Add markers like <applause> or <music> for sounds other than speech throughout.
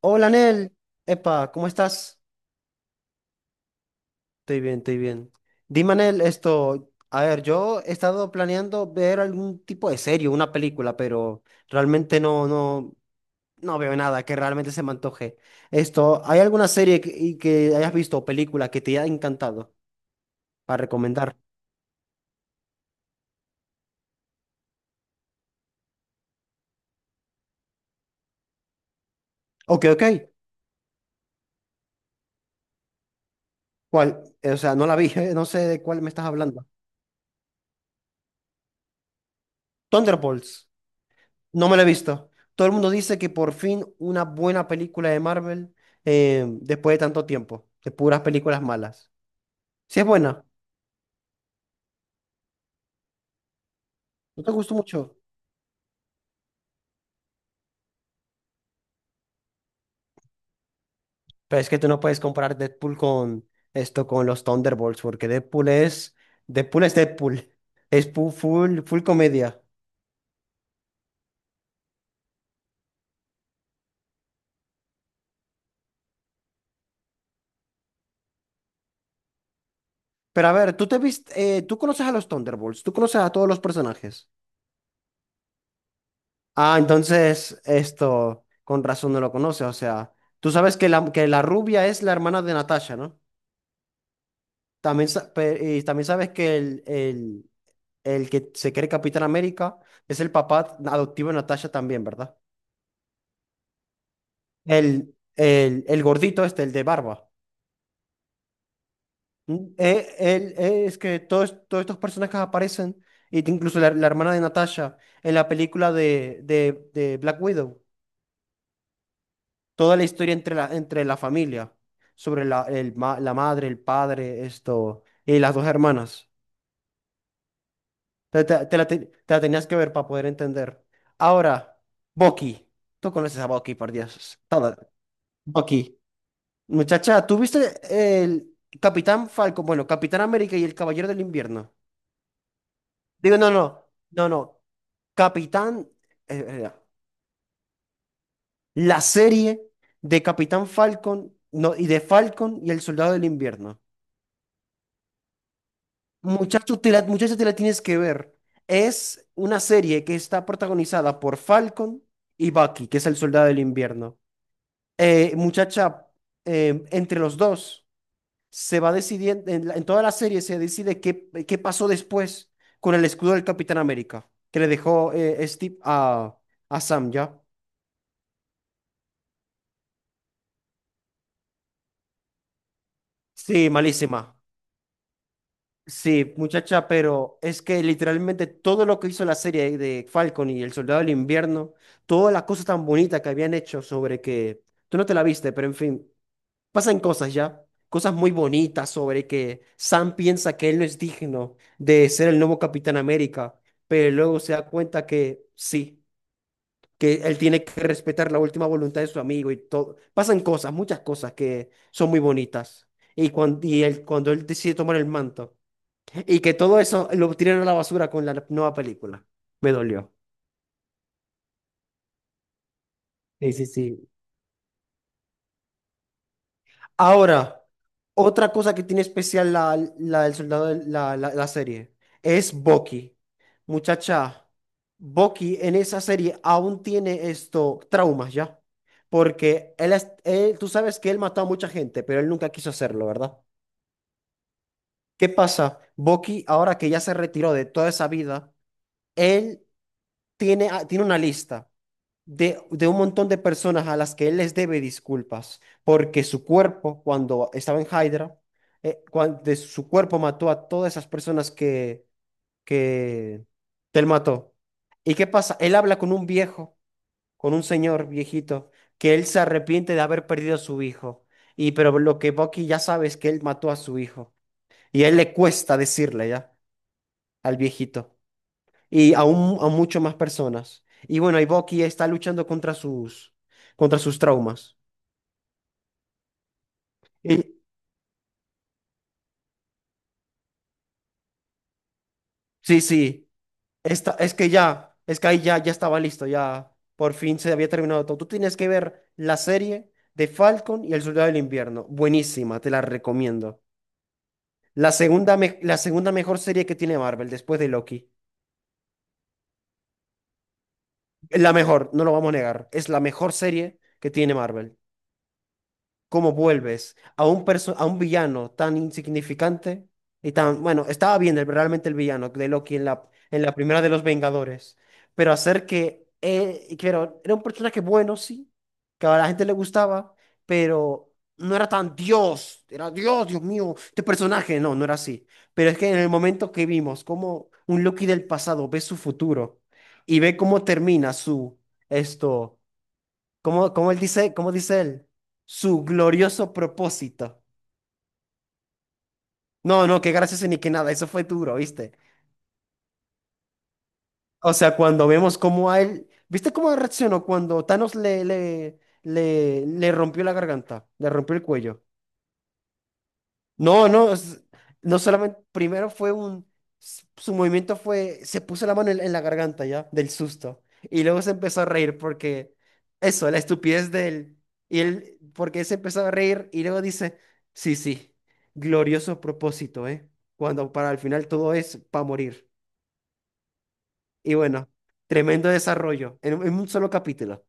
Hola, Nel. Epa, ¿cómo estás? Estoy bien, estoy bien. Dime, Nel, esto. A ver, yo he estado planeando ver algún tipo de serie, una película, pero realmente no veo nada que realmente se me antoje. ¿Hay alguna serie que hayas visto o película que te haya encantado para recomendar? Ok, ok. ¿Cuál? O sea, no la vi, <laughs> no sé de cuál me estás hablando. Thunderbolts. No me la he visto. Todo el mundo dice que por fin una buena película de Marvel después de tanto tiempo, de puras películas malas. Si es buena, no te gustó mucho. Pero es que tú no puedes comparar Deadpool con con los Thunderbolts, porque Deadpool. Es full, full, comedia. Pero a ver, tú conoces a los Thunderbolts, tú conoces a todos los personajes. Ah, entonces esto, con razón no lo conoces. O sea, tú sabes que la rubia es la hermana de Natasha, ¿no? También, y también sabes que el que se cree Capitán América es el papá adoptivo de Natasha también, ¿verdad? El gordito este, el de barba. Él, es que todos estos personajes aparecen, y incluso la hermana de Natasha en la película de Black Widow. Toda la historia entre la familia, sobre el la madre, el padre, y las dos hermanas. Te la tenías que ver para poder entender. Ahora, Bucky. Tú conoces a Bucky, por Dios. Todo. Bucky. Muchacha, ¿tú viste el Capitán Falcon? Bueno, Capitán América y el Caballero del Invierno. Digo, no, no. No, no. Capitán. eh, eh, la serie de Capitán Falcon no, y de Falcon y el Soldado del Invierno. Muchacho, muchacho, te la tienes que ver. Es una serie que está protagonizada por Falcon y Bucky, que es el Soldado del Invierno. Muchacha, entre los dos, se va decidiendo. En toda la serie se decide qué pasó después con el escudo del Capitán América, que le dejó Steve a Sam, ¿ya? Sí, malísima. Sí, muchacha, pero es que literalmente todo lo que hizo la serie de Falcon y El Soldado del Invierno, toda la cosa tan bonita que habían hecho sobre tú no te la viste, pero en fin. Pasan cosas ya, cosas muy bonitas sobre que Sam piensa que él no es digno de ser el nuevo Capitán América, pero luego se da cuenta que sí, que él tiene que respetar la última voluntad de su amigo y todo. Pasan cosas, muchas cosas que son muy bonitas. Cuando él decide tomar el manto y que todo eso lo tiran a la basura con la nueva película. Me dolió. Sí, sí, sí. Ahora, otra cosa que tiene especial la, la del soldado, del- la serie, es Bucky. Muchacha, Bucky en esa serie aún tiene traumas ya. Porque tú sabes que él mató a mucha gente, pero él nunca quiso hacerlo, ¿verdad? ¿Qué pasa? Bucky, ahora que ya se retiró de toda esa vida, él tiene, tiene una lista de un montón de personas a las que él les debe disculpas, porque su cuerpo, cuando estaba en Hydra, de su cuerpo mató a todas esas personas que, que él mató. ¿Y qué pasa? Él habla con un viejo, con un señor viejito, que él se arrepiente de haber perdido a su hijo. Y pero lo que Bucky ya sabe es que él mató a su hijo. Y a él le cuesta decirle ya al viejito y aún a mucho más personas. Y bueno, y Bucky está luchando contra sus traumas. Y sí, sí, esta, es que ya, es que ahí ya estaba listo, ya por fin se había terminado todo. Tú tienes que ver la serie de Falcon y el Soldado del Invierno. Buenísima, te la recomiendo. La segunda mejor serie que tiene Marvel después de Loki. La mejor, no lo vamos a negar, es la mejor serie que tiene Marvel. Cómo vuelves a a un villano tan insignificante y tan, bueno, estaba bien realmente el villano de Loki en la primera de los Vengadores, pero hacer que, y claro, era un personaje bueno, sí, que a la gente le gustaba, pero no era tan Dios, era Dios, Dios mío, este personaje, no, no era así. Pero es que en el momento que vimos cómo un Loki del pasado ve su futuro y ve cómo termina su, esto. ¿Cómo, cómo él dice, cómo dice él? Su glorioso propósito. No, no, qué gracioso ni qué nada, eso fue duro, ¿viste? O sea, cuando vemos cómo a él, ¿viste cómo reaccionó cuando Thanos le rompió la garganta, le rompió el cuello? No, no, es- no solamente, primero fue su movimiento fue, se puso la mano en la garganta ya, del susto, y luego se empezó a reír porque, eso, la estupidez de él, y él, porque él se empezó a reír y luego dice, sí, sí, glorioso propósito, ¿eh? Cuando para el final todo es para morir. Y bueno, tremendo desarrollo, en un solo capítulo.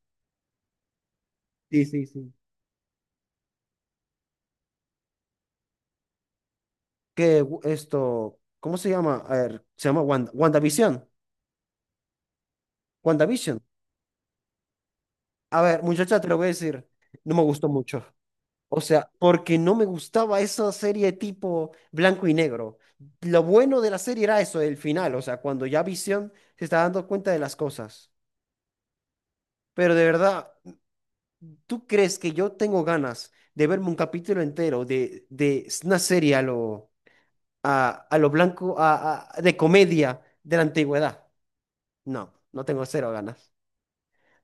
Sí, sí, sí. ¿Cómo se llama? A ver, se llama Wanda, WandaVision. WandaVision. A ver, muchacha, te lo voy a decir, no me gustó mucho. O sea, porque no me gustaba esa serie tipo blanco y negro. Lo bueno de la serie era eso, el final, o sea, cuando ya Visión se está dando cuenta de las cosas. Pero de verdad, ¿tú crees que yo tengo ganas de verme un capítulo entero de una serie a lo, a lo blanco, de comedia de la antigüedad? No, no tengo cero ganas.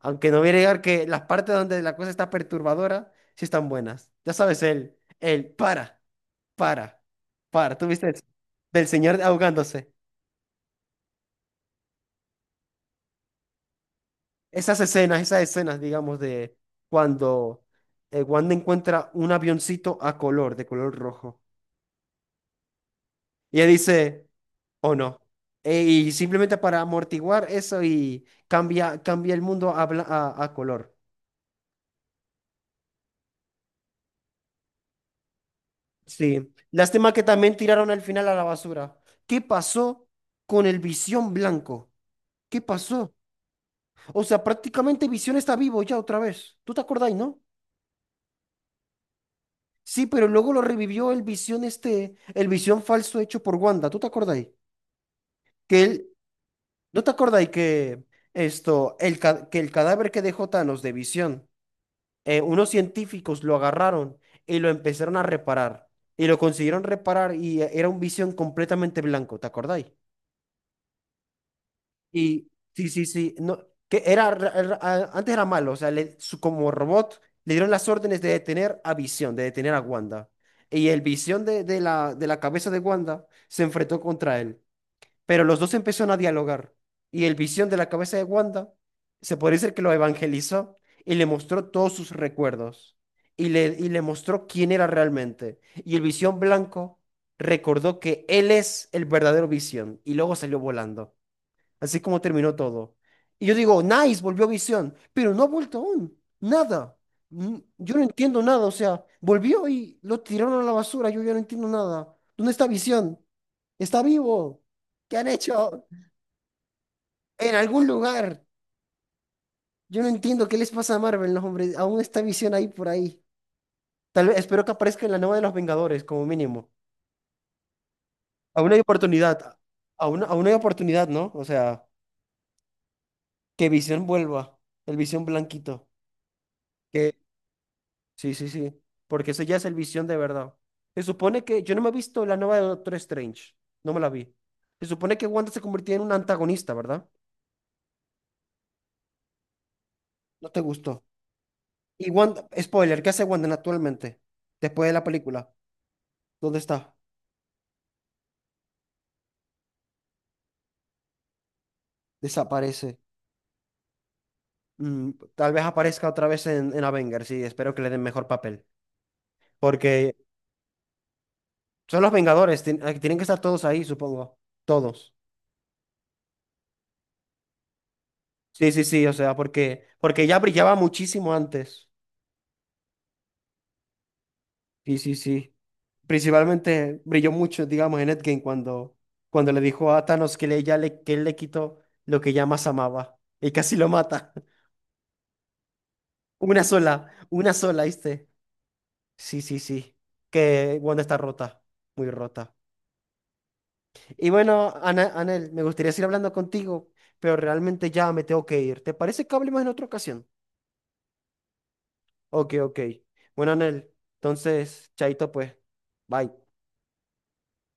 Aunque no voy a negar que las partes donde la cosa está perturbadora sí están buenas. Ya sabes, el para, para. ¿Tú viste eso? Del señor ahogándose. Esas escenas, digamos, de cuando Wanda encuentra un avioncito a color, de color rojo. Y ella dice, o no. Y simplemente para amortiguar eso y cambia el mundo a, bla- a color. Sí, lástima que también tiraron al final a la basura. ¿Qué pasó con el Visión Blanco? ¿Qué pasó? O sea, prácticamente Visión está vivo ya otra vez. ¿Tú te acordáis, no? Sí, pero luego lo revivió el Visión este, el Visión falso hecho por Wanda. ¿Tú te acordáis? Que él, ¿no te acordáis que que el cadáver que dejó Thanos de Visión, unos científicos lo agarraron y lo empezaron a reparar. Y lo consiguieron reparar y era un Visión completamente blanco, ¿te acordáis? Y sí, sí, sí, no, que era, antes era malo, o sea, como robot le dieron las órdenes de detener a Visión, de detener a Wanda. Y el Visión de la cabeza de Wanda se enfrentó contra él, pero los dos empezaron a dialogar. Y el Visión de la cabeza de Wanda, se podría decir que lo evangelizó y le mostró todos sus recuerdos. Y le mostró quién era realmente. Y el Visión blanco recordó que él es el verdadero Visión y luego salió volando. Así es como terminó todo. Y yo digo, nice, volvió Visión, pero no ha vuelto aún. Nada. Mm, yo no entiendo nada. O sea, volvió y lo tiraron a la basura. Yo ya no entiendo nada. ¿Dónde está Visión? Está vivo. ¿Qué han hecho? En algún lugar. Yo no entiendo qué les pasa a Marvel, los hombres. Aún está Visión ahí por ahí. Tal vez, espero que aparezca en la nueva de los Vengadores, como mínimo. Aún hay oportunidad. Aún hay oportunidad, ¿no? O sea, que Visión vuelva. El Visión blanquito. Sí, sí, sí. Porque ese ya es el Visión de verdad. Se supone que yo no me he visto la nueva de Doctor Strange. No me la vi. Se supone que Wanda se convirtió en un antagonista, ¿verdad? No te gustó. Y Wanda, spoiler, ¿qué hace Wanda actualmente? Después de la película. ¿Dónde está? Desaparece. Mm, tal vez aparezca otra vez en Avengers, sí. Espero que le den mejor papel. Porque son los Vengadores, tienen que estar todos ahí, supongo. Todos. Sí, sí, sí, o sea, porque ya brillaba muchísimo antes. Sí, sí, sí. Principalmente brilló mucho, digamos, en Endgame cuando le dijo a Thanos que él le quitó lo que ya más amaba y casi lo mata. <laughs> Una sola, ¿viste? Sí, sí, sí. Que Wanda está rota, muy rota. Y bueno, Anel, me gustaría seguir hablando contigo, pero realmente ya me tengo que ir. ¿Te parece que hablemos en otra ocasión? Ok, ok. Bueno, Anel, entonces, chaito pues. Bye.